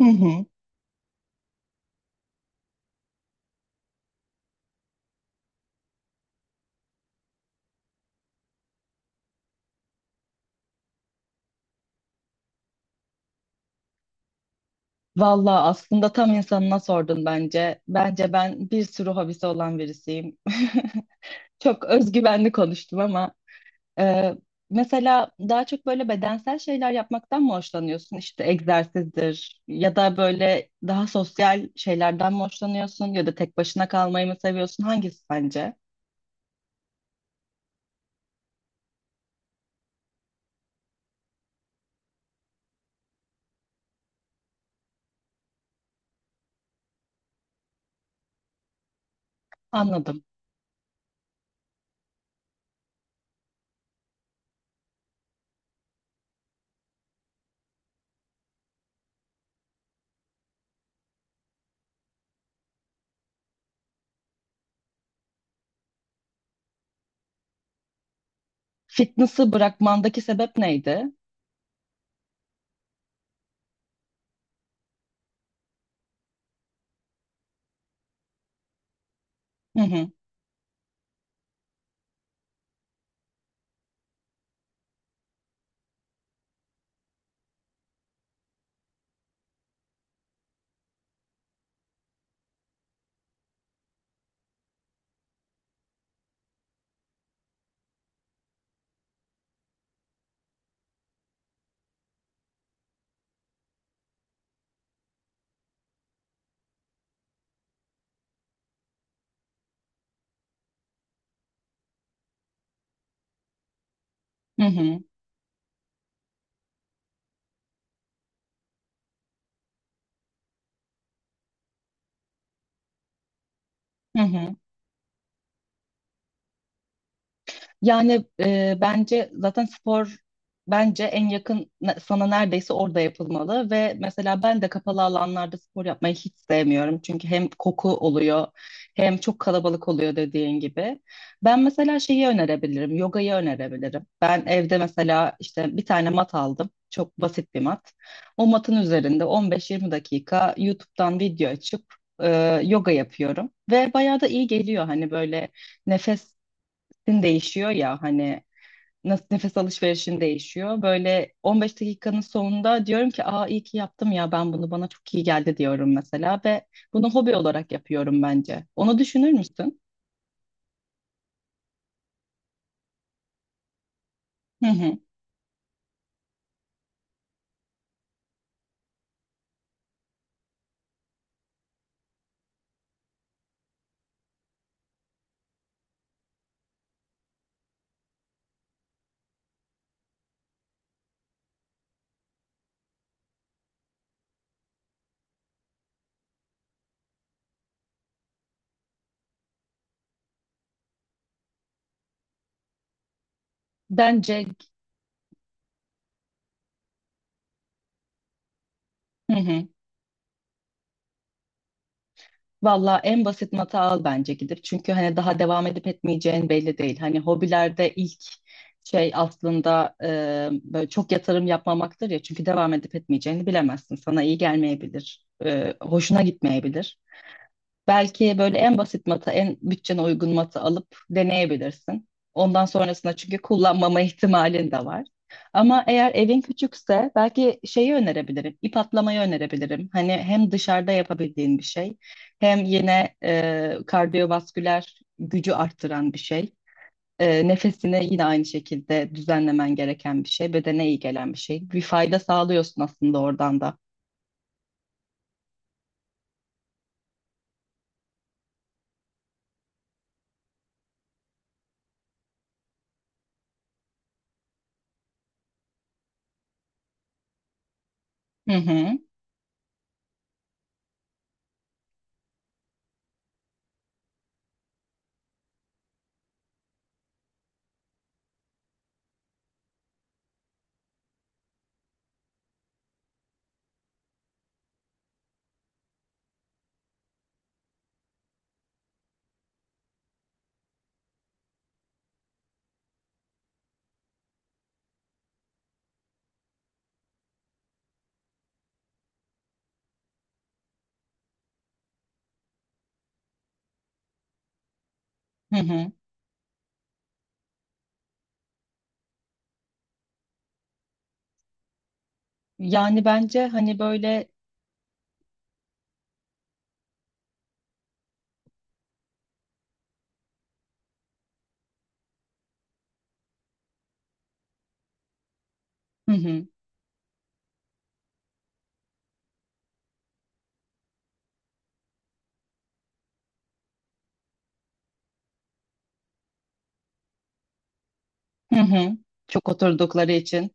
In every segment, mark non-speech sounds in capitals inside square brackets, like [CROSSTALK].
Hı hı. Valla aslında tam insanına sordun bence. Bence ben bir sürü hobisi olan birisiyim. [LAUGHS] Çok özgüvenli konuştum ama e, mesela daha çok böyle bedensel şeyler yapmaktan mı hoşlanıyorsun? İşte egzersizdir ya da böyle daha sosyal şeylerden mi hoşlanıyorsun ya da tek başına kalmayı mı seviyorsun? Hangisi sence? Anladım. Fitness'ı bırakmandaki sebep neydi? Hı hı. Hı hı. Hı hı. Yani bence zaten spor bence en yakın sana neredeyse orada yapılmalı ve mesela ben de kapalı alanlarda spor yapmayı hiç sevmiyorum. Çünkü hem koku oluyor hem çok kalabalık oluyor dediğin gibi. Ben mesela şeyi önerebilirim, yogayı önerebilirim. Ben evde mesela işte bir tane mat aldım. Çok basit bir mat. O matın üzerinde 15-20 dakika YouTube'dan video açıp e, yoga yapıyorum ve bayağı da iyi geliyor hani böyle nefes din değişiyor ya hani nasıl nefes alışverişin değişiyor. Böyle 15 dakikanın sonunda diyorum ki aa iyi ki yaptım ya ben bunu bana çok iyi geldi diyorum mesela ve bunu hobi olarak yapıyorum bence. Onu düşünür müsün? Hı hı. Bence hı hı. Valla en basit mata al bence gidip. Çünkü hani daha devam edip etmeyeceğin belli değil. Hani hobilerde ilk şey aslında böyle çok yatırım yapmamaktır ya. Çünkü devam edip etmeyeceğini bilemezsin. Sana iyi gelmeyebilir. Hoşuna gitmeyebilir. Belki böyle en basit matı, en bütçene uygun matı alıp deneyebilirsin. Ondan sonrasında çünkü kullanmama [LAUGHS] ihtimalin de var. Ama eğer evin küçükse belki şeyi önerebilirim, ip atlamayı önerebilirim. Hani hem dışarıda yapabildiğin bir şey, hem yine kardiyovasküler gücü arttıran bir şey. Nefesini yine aynı şekilde düzenlemen gereken bir şey, bedene iyi gelen bir şey. Bir fayda sağlıyorsun aslında oradan da. Hı hı, hı hı. Yani bence hani böyle... Hı hı. Hı hı. Çok oturdukları için.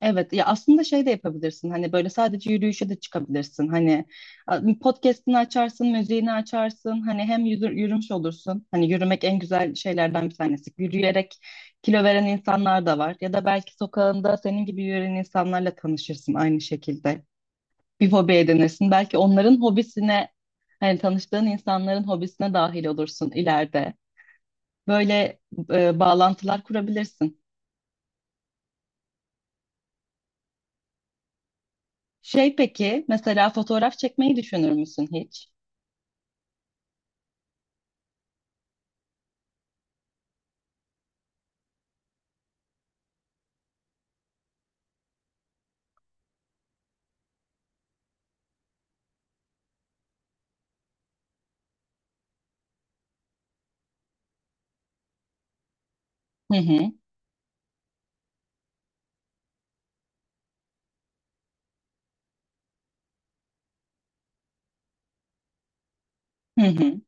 Evet ya aslında şey de yapabilirsin hani böyle sadece yürüyüşe de çıkabilirsin hani podcast'ini açarsın müziğini açarsın hani hem yürümüş olursun hani yürümek en güzel şeylerden bir tanesi yürüyerek kilo veren insanlar da var ya da belki sokağında senin gibi yürüyen insanlarla tanışırsın aynı şekilde bir hobi edinirsin belki onların hobisine hani tanıştığın insanların hobisine dahil olursun ileride böyle bağlantılar kurabilirsin. Şey peki, mesela fotoğraf çekmeyi düşünür müsün hiç? Hı hı, hı hı,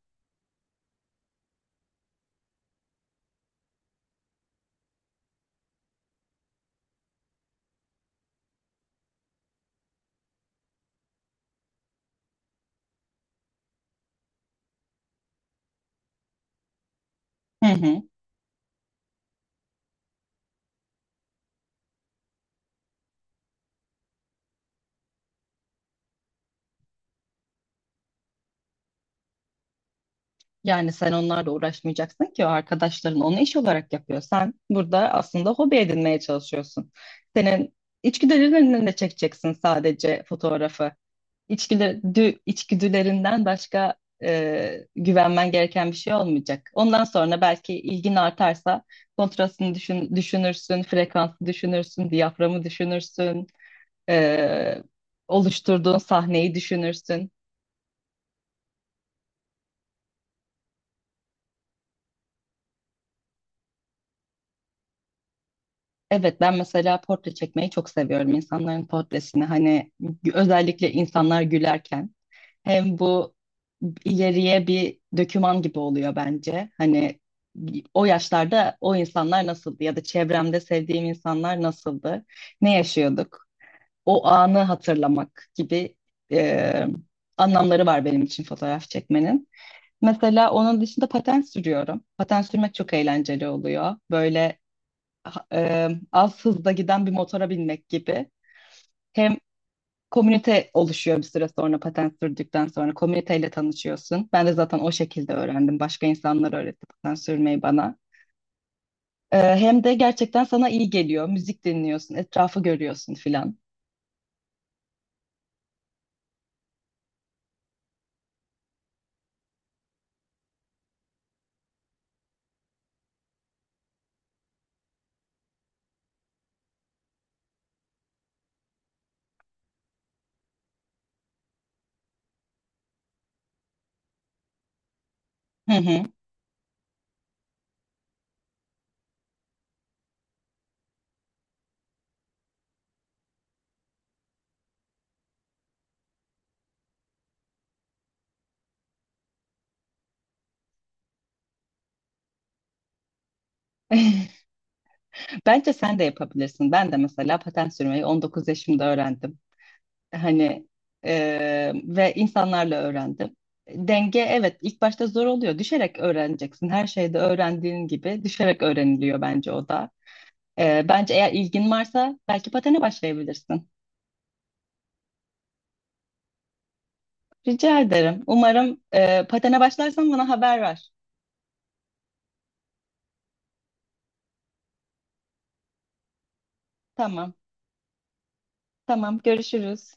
hı hı. Yani sen onlarla uğraşmayacaksın ki o arkadaşların onu iş olarak yapıyor. Sen burada aslında hobi edinmeye çalışıyorsun. Senin içgüdülerinden de çekeceksin sadece fotoğrafı. İçgüdü, içgüdülerinden başka güvenmen gereken bir şey olmayacak. Ondan sonra belki ilgin artarsa kontrastını düşünürsün, frekansı düşünürsün, diyaframı düşünürsün. e, Oluşturduğun sahneyi düşünürsün. Evet ben mesela portre çekmeyi çok seviyorum insanların portresini hani özellikle insanlar gülerken hem bu ileriye bir döküman gibi oluyor bence. Hani o yaşlarda o insanlar nasıldı ya da çevremde sevdiğim insanlar nasıldı? Ne yaşıyorduk? O anı hatırlamak gibi e, anlamları var benim için fotoğraf çekmenin. Mesela onun dışında paten sürüyorum. Paten sürmek çok eğlenceli oluyor. Böyle az hızda giden bir motora binmek gibi. Hem komünite oluşuyor bir süre sonra paten sürdükten sonra komüniteyle tanışıyorsun. Ben de zaten o şekilde öğrendim. Başka insanlar öğretti paten sürmeyi bana. Hem de gerçekten sana iyi geliyor. Müzik dinliyorsun, etrafı görüyorsun filan. Hı hı. [LAUGHS] Bence sen de yapabilirsin. Ben de mesela paten sürmeyi 19 yaşımda öğrendim. Hani ve insanlarla öğrendim. Denge evet ilk başta zor oluyor. Düşerek öğreneceksin. Her şeyde öğrendiğin gibi düşerek öğreniliyor bence o da. Bence eğer ilgin varsa belki patene başlayabilirsin. Rica ederim. Umarım patene başlarsan bana haber ver. Tamam. Tamam. Görüşürüz.